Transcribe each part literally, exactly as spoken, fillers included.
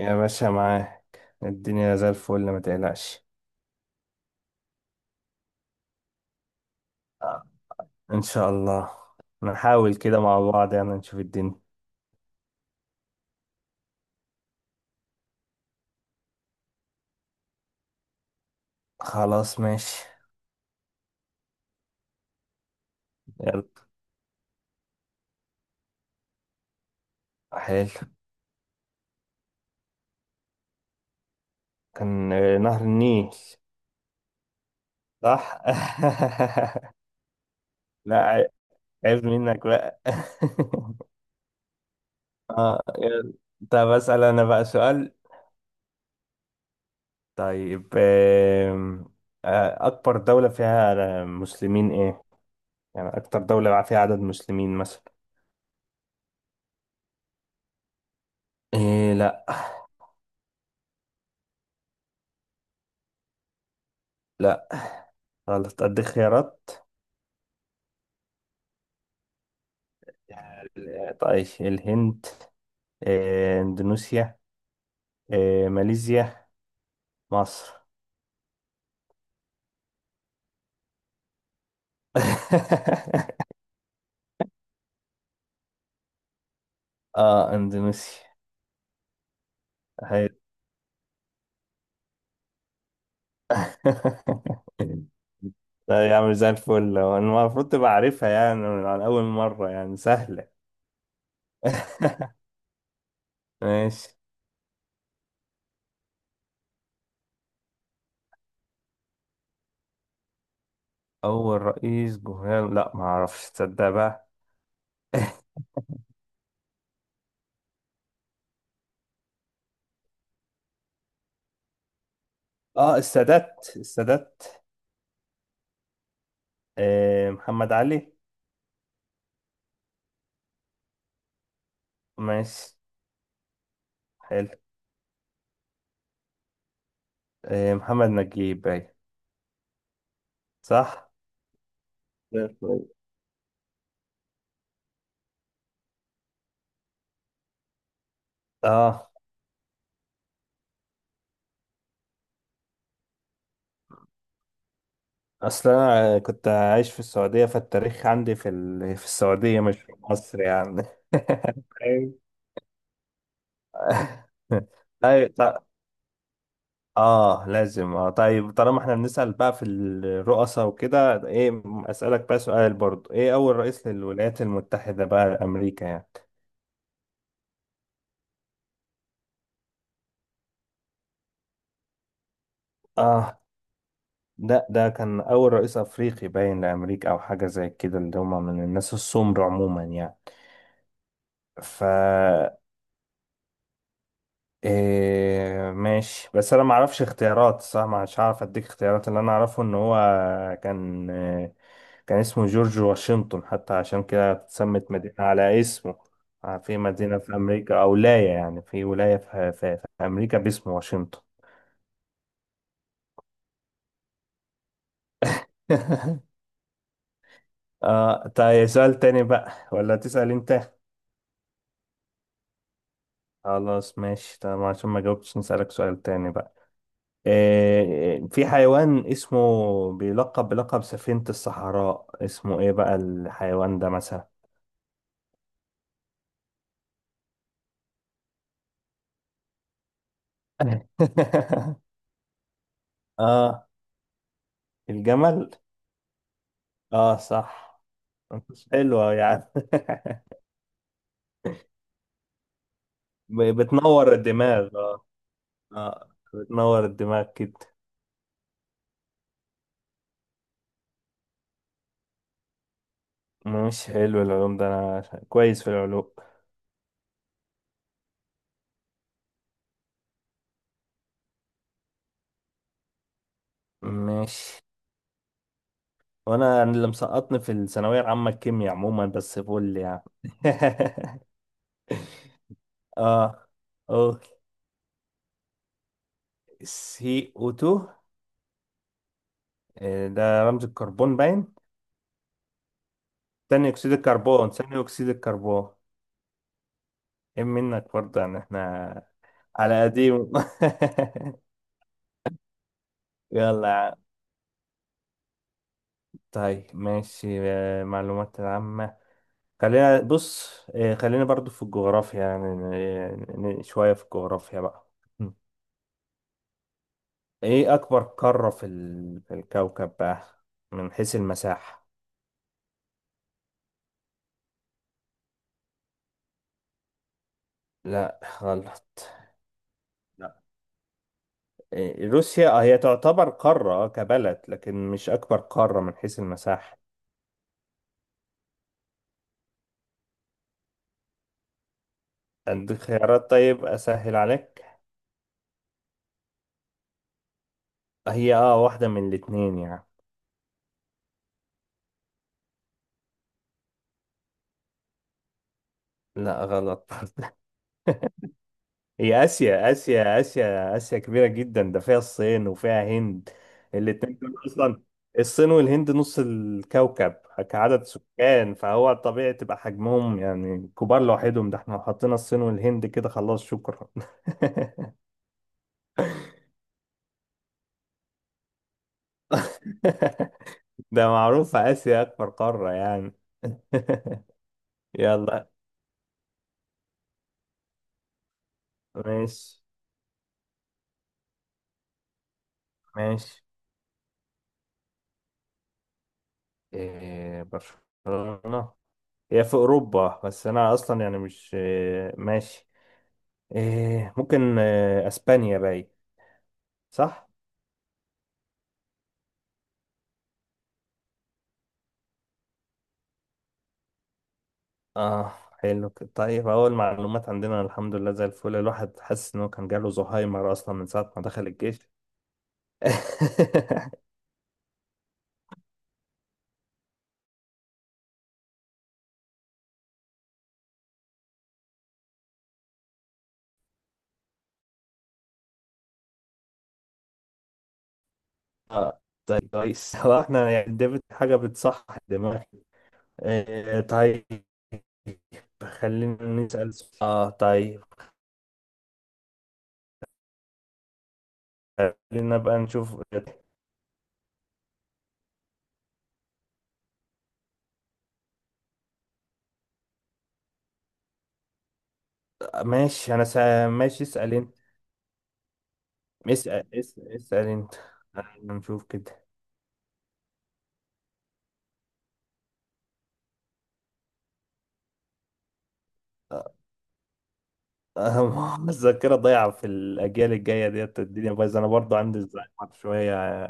يا باشا، معاك الدنيا زي الفل، ما تقلقش. آه. ان شاء الله نحاول كده مع بعض، يعني نشوف الدنيا. خلاص ماشي. يلا. حلو. كان آه، نهر النيل. صح. لا عي- عيب منك بقى. اه، يلا. طب اسال انا بقى سؤال. طيب آم، آه، اكبر دولة فيها مسلمين ايه؟ يعني اكتر دولة فيها عدد مسلمين مثلا. ايه، لا. لا، غلط، أديك خيارات. طيب، الهند، آه، إندونيسيا، آه، ماليزيا، مصر. آه إندونيسيا. هي. لا يا عم، زي الفل. هو أنا المفروض تبقى عارفها يعني من على أول مرة، يعني سهلة. ماشي. أول رئيس جمهورية، لا، ما أعرفش، تصدق بقى. آه السادات، السادات. آه، محمد علي. ماشي. حلو. آه، محمد نجيب، أيوة. صح. لا، طيب. اه، اصل انا كنت عايش في السعوديه، فالتاريخ عندي في ال... في السعوديه، مش في مصر يعني. أيوة. طيب، طيب. اه، لازم. اه، طيب، طالما احنا بنسال بقى في الرؤساء وكده، ايه، اسالك بقى سؤال برضو، ايه اول رئيس للولايات المتحده بقى، لامريكا يعني. اه، ده ده كان اول رئيس افريقي باين لامريكا، او حاجه زي كده، اللي هم من الناس السمر عموما يعني. ف، إيه ماشي. بس انا ما اعرفش اختيارات صح، مش هعرف اديك اختيارات. اللي انا اعرفه ان هو كان آه، كان اسمه جورج واشنطن، حتى عشان كده اتسمت مدينة على اسمه. آه، في مدينة في امريكا او ولاية، يعني في ولاية في, في, في امريكا باسم واشنطن. اه، طيب سؤال تاني بقى، ولا تسأل انت؟ خلاص ماشي. طب عشان ما جاوبتش نسألك سؤال تاني بقى. آه، في حيوان اسمه، بيلقب بلقب سفينة الصحراء، اسمه ايه بقى الحيوان ده مثلا؟ اه، الجمل. اه، صح. مش حلوة يعني؟ ب- بتنور الدماغ، اه. اه، بتنور الدماغ كده. مش حلو العلوم ده، انا كويس في العلوم. مش وانا اللي مسقطني في الثانوية العامة الكيمياء عموما، بس فل يعني. اه، اوكي. سي او اتنين. آه، ده رمز الكربون باين. ثاني اكسيد الكربون، ثاني اكسيد الكربون. ايه منك برضه، يعني احنا على قديم. يلا يا عم. طيب ماشي. آه، معلومات العامة، خلينا بص. آه، خلينا برضو في الجغرافيا، يعني ن- ن- شوية في الجغرافيا بقى. م. ايه اكبر قارة في ال- في الكوكب بقى، من حيث المساحة؟ لا، غلط. لا. إيه، روسيا، آه، هي تعتبر قارة، آه، كبلد، لكن مش أكبر قارة من حيث المساحة. اديك خيارات طيب، اسهل عليك. هي، اه واحدة من الاتنين يعني. لا، غلط. هي اسيا، اسيا، اسيا، اسيا كبيرة جدا، ده فيها الصين وفيها هند. الاتنين دول اصلا، الصين والهند نص الكوكب كعدد سكان، فهو طبيعي تبقى حجمهم يعني كبار لوحدهم. ده احنا لو حطينا الصين والهند كده، خلاص، شكرا. ده معروف اسيا اكبر قارة يعني. يلا. ماشي، ماشي. إيه، برشلونة هي في أوروبا، بس أنا أصلا يعني، مش، إيه، ماشي، إيه، ممكن، إيه، أسبانيا باي. صح؟ آه. حلو كده. طيب أول معلومات عندنا الحمد لله زي الفل. الواحد حاسس إنه كان جاله زهايمر أصلا من ساعة ما دخل الجيش. طيب كويس. هو احنا يعني ديفيد حاجة بتصح دماغي. إيه، طيب، خلينا نسأل سؤال. اه، طيب، خلينا بقى نشوف. ماشي، انا سا... ماشي، اسأل. اسأل اسأل, اسأل انت. احنا نشوف كده. أه، أه، الذاكرة ضايعة في الأجيال الجاية، ديت الدنيا بايظة، أنا برضو عندي الزهايمر شوية.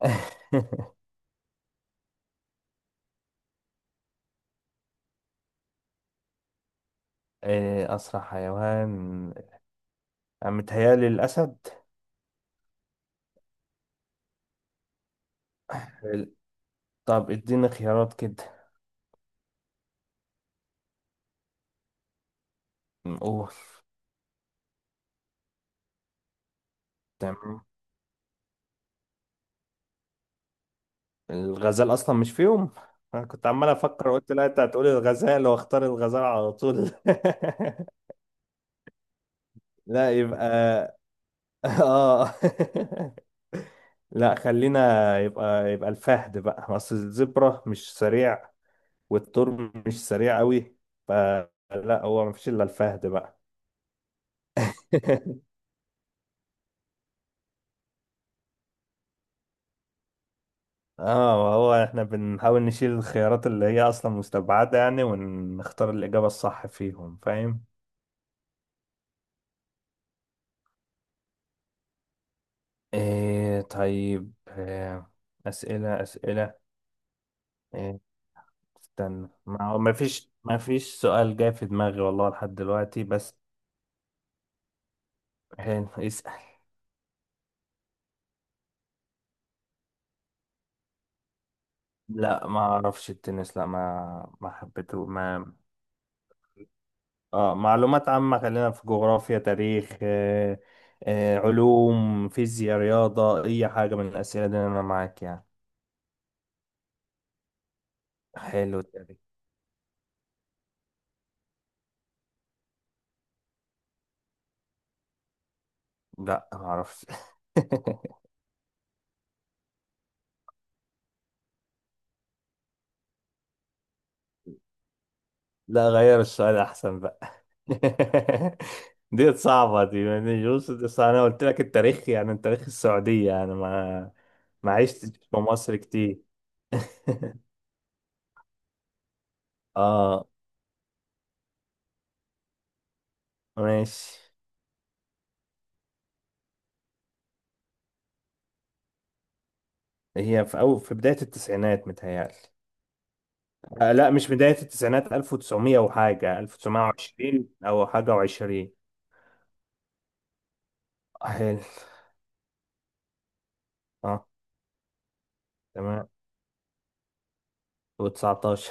إيه أسرع حيوان؟ أنا متهيألي الأسد. حلو. طب اديني خيارات كده. نقول، تمام. الغزال أصلا مش فيهم، أنا كنت عمال أفكر قلت لا أنت هتقولي الغزال وأختار الغزال على طول. لا، يبقى. آه. لا، خلينا. يبقى يبقى الفهد بقى، اصل الزبرة مش سريع والثور مش سريع قوي، فلا، هو مفيش الا الفهد بقى. اه، وهو احنا بنحاول نشيل الخيارات اللي هي اصلا مستبعدة يعني، ونختار الإجابة الصح فيهم، فاهم؟ إيه طيب. إيه، أسئلة، أسئلة، إيه. استنى، ما هو مفيش مفيش سؤال جاي في دماغي والله لحد دلوقتي، بس. حلو، اسأل. لا، ما اعرفش التنس، لا، ما ما حبيته، ما. اه، معلومات عامة، خلينا في جغرافيا، تاريخ، آه، آه، علوم، فيزياء، رياضة، اي حاجة من الاسئلة دي انا معاك يعني. حلو، التاريخ. لا، ما اعرفش. لا، غير السؤال احسن بقى. دي صعبة، دي يعني جوز، دي صعبة. انا قلت لك التاريخ يعني التاريخ السعودية يعني، ما، ما عشتش في مصر كتير. اه، ماشي. هي في أو في بداية التسعينات متهيألي. آه لا، مش بداية التسعينات. الف وتسعميه وحاجة، الف وتسعميه وعشرين أو حاجة وعشرين. حلو. اه، تمام، و19.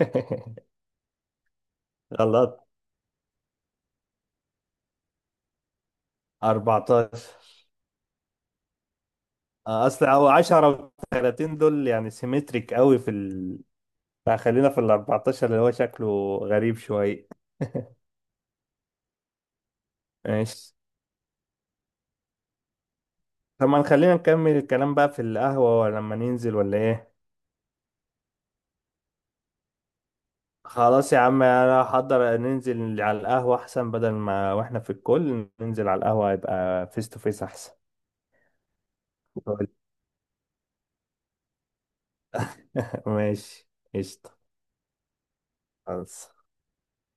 غلط، اربعة عشر. آه، أصل أو عشرة و30 دول يعني سيمتريك قوي في ال... فخلينا في ال اربعتاشر اللي هو شكله غريب شوية. ماشي. طب ما خلينا نكمل الكلام بقى في القهوة، ولا لما ننزل، ولا إيه؟ خلاص يا عم، انا هحضر ننزل على القهوة احسن، بدل ما واحنا في الكل، ننزل على القهوة يبقى فيس تو فيس احسن. ماشي، قشطة، خلاص.